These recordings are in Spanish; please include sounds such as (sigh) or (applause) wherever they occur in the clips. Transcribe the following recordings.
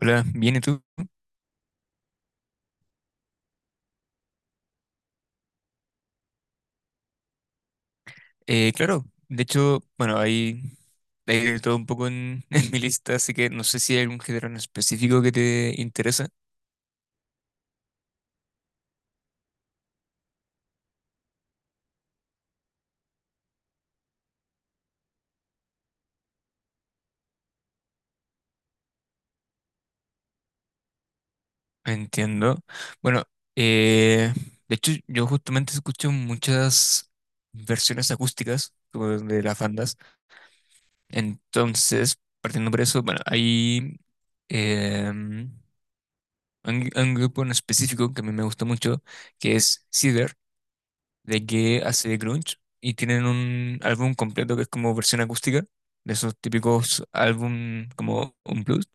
Hola, bien, ¿y tú? Claro, de hecho, bueno, hay de todo un poco (laughs) en mi lista, así que no sé si hay algún género en específico que te interesa. Entiendo. Bueno, eh, de hecho, yo justamente escucho muchas versiones acústicas como de las bandas. Entonces, partiendo por eso, bueno, em, un grupo en específico que a mí me gusta mucho, que es Cider. De que hace de grunge y tienen un álbum completo que es como versión acústica de esos típicos álbum como un blues.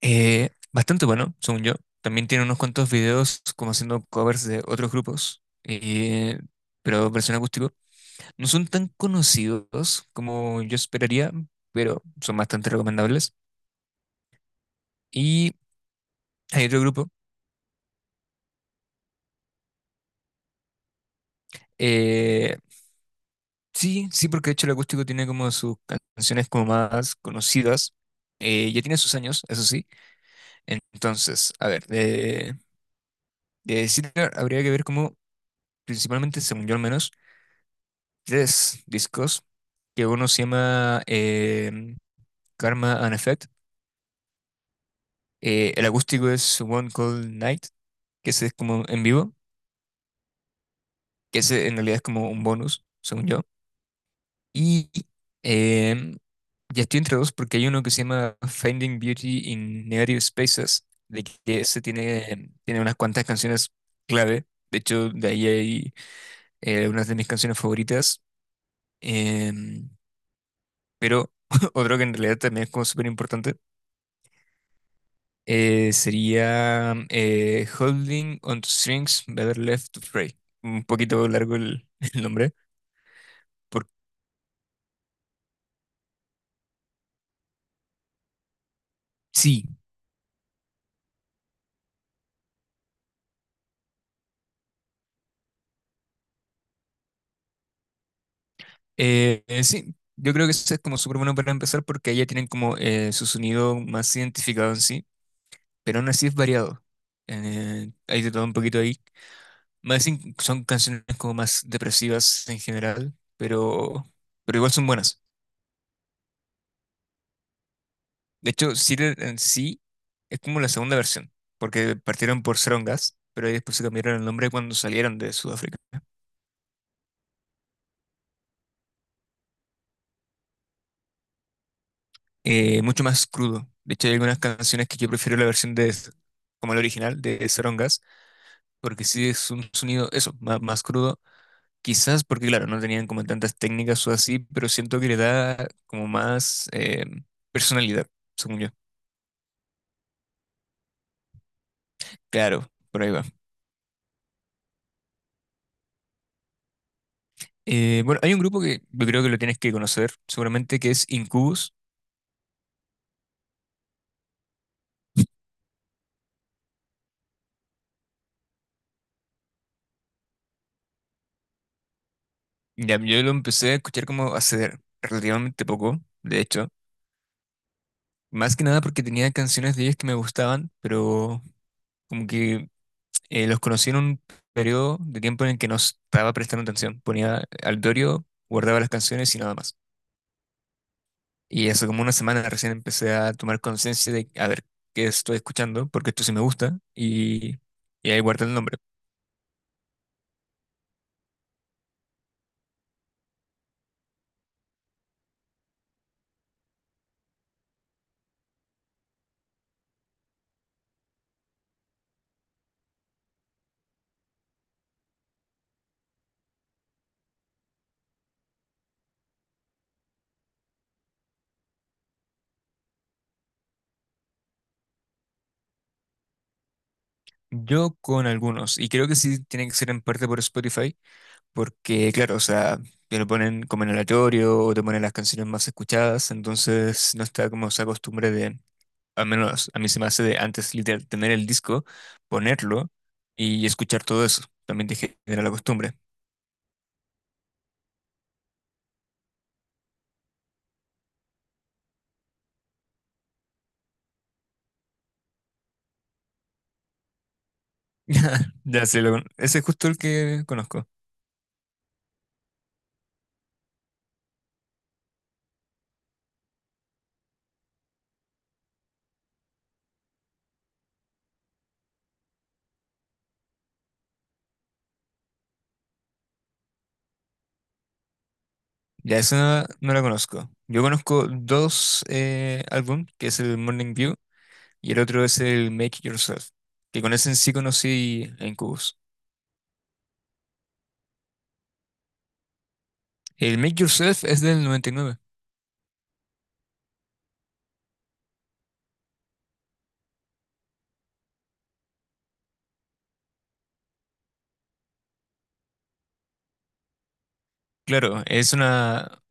Bastante bueno, según yo. También tiene unos cuantos videos como haciendo covers de otros grupos, pero versión acústico. No son tan conocidos como yo esperaría, pero son bastante recomendables. Y hay otro grupo. eh, sí, sí, porque de hecho el acústico tiene como sus canciones como más conocidas. Eh, ya tiene sus años, eso sí. Entonces, a ver, de Sinner habría que ver como, principalmente, según yo al menos, tres discos, que uno se llama Karma and Effect, el acústico es One Cold Night, que ese es como en vivo, que ese en realidad es como un bonus, según yo, y em, ya estoy entre dos porque hay uno que se llama Finding Beauty in Negative Spaces, de que ese tiene unas cuantas canciones clave. De hecho, de ahí hay una de mis canciones favoritas. em, pero (laughs) otro que en realidad también es como súper importante sería Holding on to Strings, Better Left to Fray. Un poquito largo (laughs) el nombre. Por, sí. Sí, yo creo que eso es como súper bueno para empezar porque ahí ya tienen como su sonido más identificado en sí, pero aún así es variado. Hay de todo un poquito ahí. Más in- son canciones como más depresivas en general, pero igual son buenas. De hecho, Sealer en sí es como la segunda versión, porque partieron por Serum Gas, pero ahí después se cambiaron el nombre cuando salieron de Sudáfrica. Mucho más crudo. De hecho, hay algunas canciones que yo prefiero como el original, de Serum Gas, porque sí es un sonido, eso, más, más crudo. Quizás porque, claro, no tenían como tantas técnicas o así, pero siento que le da como más personalidad, según yo. Claro, por ahí va. Bueno, hay un grupo que yo creo que lo tienes que conocer, seguramente, que es Incubus. Ya, yo lo empecé a escuchar como hace relativamente poco, de hecho. Más que nada porque tenía canciones de ellos que me gustaban, pero como que los conocí en un periodo de tiempo en el que no estaba prestando atención. Ponía al Dorio, guardaba las canciones y nada más. Y hace como una semana recién empecé a tomar conciencia de a ver qué estoy escuchando, porque esto sí me gusta, y ahí guardé el nombre. Yo con algunos, y creo que sí tiene que ser en parte por Spotify. Porque, claro, o sea, te lo ponen como en aleatorio o te ponen las canciones más escuchadas, entonces no está como esa costumbre de, al menos a mí se me hace de antes literal tener el disco, ponerlo y escuchar todo eso. También te genera la costumbre. (laughs) Ya sé, lo con- ese es justo el que conozco. Ya, esa no la conozco. Yo conozco dos álbum, que es el Morning View y el otro es el Make Yourself, que con ese en sí conocí en Cubos. El Make Yourself es del 99. Claro,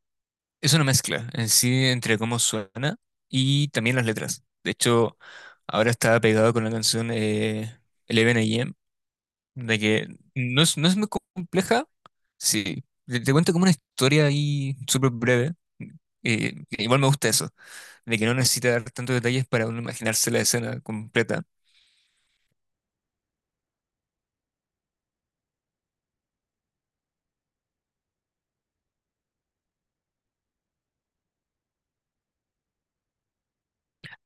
es una mezcla en sí entre cómo suena y también las letras. De hecho, ahora está pegado con la canción 11 AM, de que no es muy compleja, sí. Te cuento como una historia ahí súper breve. Que igual me gusta eso, de que no necesita dar tantos detalles para uno imaginarse la escena completa.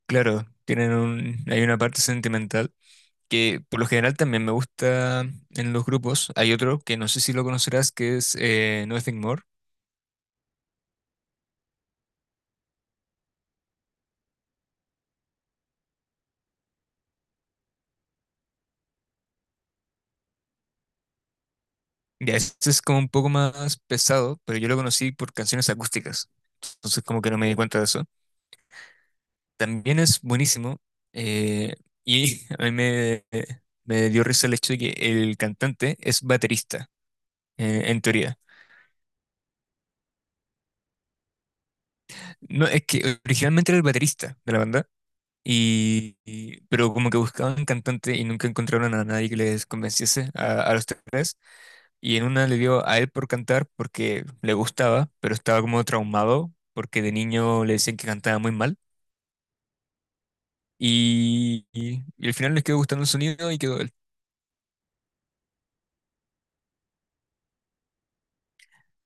Claro, tienen un, hay una parte sentimental que por lo general también me gusta en los grupos. Hay otro que no sé si lo conocerás, que es Nothing More. Ya, ese es como un poco más pesado, pero yo lo conocí por canciones acústicas. Entonces como que no me di cuenta de eso. También es buenísimo. eh, y (laughs) me dio risa el hecho de que el cantante es baterista, en teoría. No, es que originalmente era el baterista de la banda. Y- pero como que buscaban cantante y nunca encontraron a nadie que les convenciese a los tres. Y en una le dio a él por cantar porque le gustaba, pero estaba como traumado porque de niño le decían que cantaba muy mal. Y al final les quedó gustando el sonido y quedó él.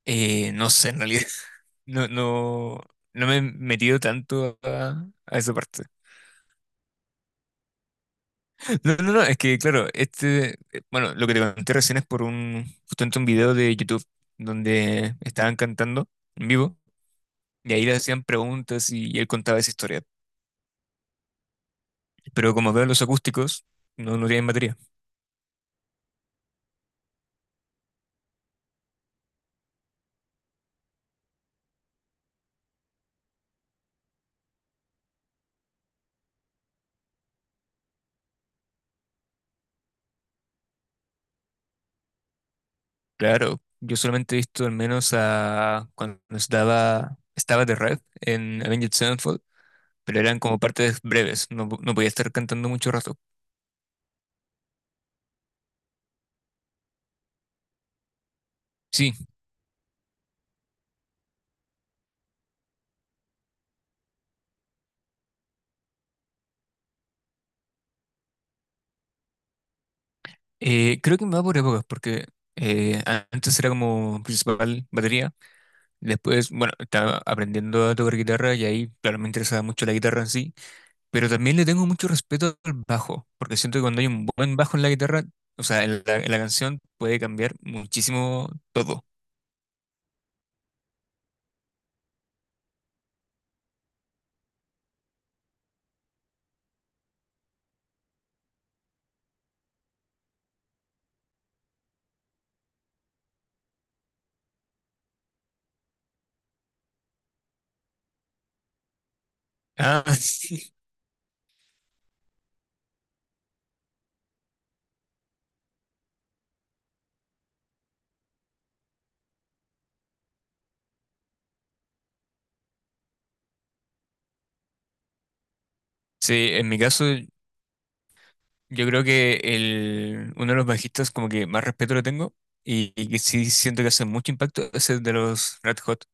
No sé, en realidad. (laughs) No, no, no me he metido tanto a esa parte. (laughs) No, no, no, es que claro, este, bueno, lo que te conté recién es por justamente un video de YouTube donde estaban cantando en vivo y ahí le hacían preguntas y él contaba esa historia. Pero como veo los acústicos, no, no tienen batería. Claro, yo solamente he visto al menos a cuando estaba The Red en Avenged Sevenfold, pero eran como partes breves, no, po- no podía estar cantando mucho rato. Sí, creo que me va por épocas, porque antes era como principal batería, después, bueno, estaba aprendiendo a tocar guitarra y ahí, claro, me interesaba mucho la guitarra en sí, pero también le tengo mucho respeto al bajo, porque siento que cuando hay un buen bajo en la guitarra, o sea, en la canción puede cambiar muchísimo todo. Ah, (laughs) sí, en mi caso, yo creo que el, uno de los bajistas como que más respeto le tengo y que sí siento que hace mucho impacto es el de los Red Hot.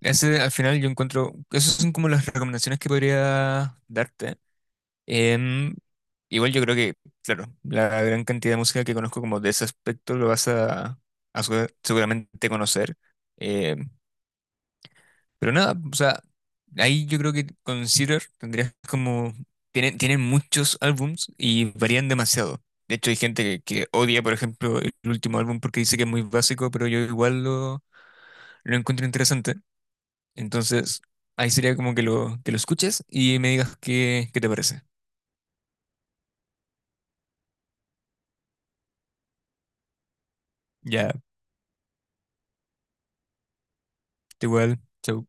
Ese al final yo encuentro, esas son como las recomendaciones que podría darte. Em, Igual yo creo que, claro, la gran cantidad de música que conozco como de ese aspecto lo vas a, seguramente conocer. Em, Pero nada, o sea, ahí yo creo que Consider tendrías como... Tienen muchos álbums y varían demasiado. De hecho, hay gente que odia, por ejemplo, el último álbum porque dice que es muy básico, pero yo igual lo encuentro interesante. Entonces, ahí sería como que que lo escuches y me digas qué te parece. Ya, igual, chau.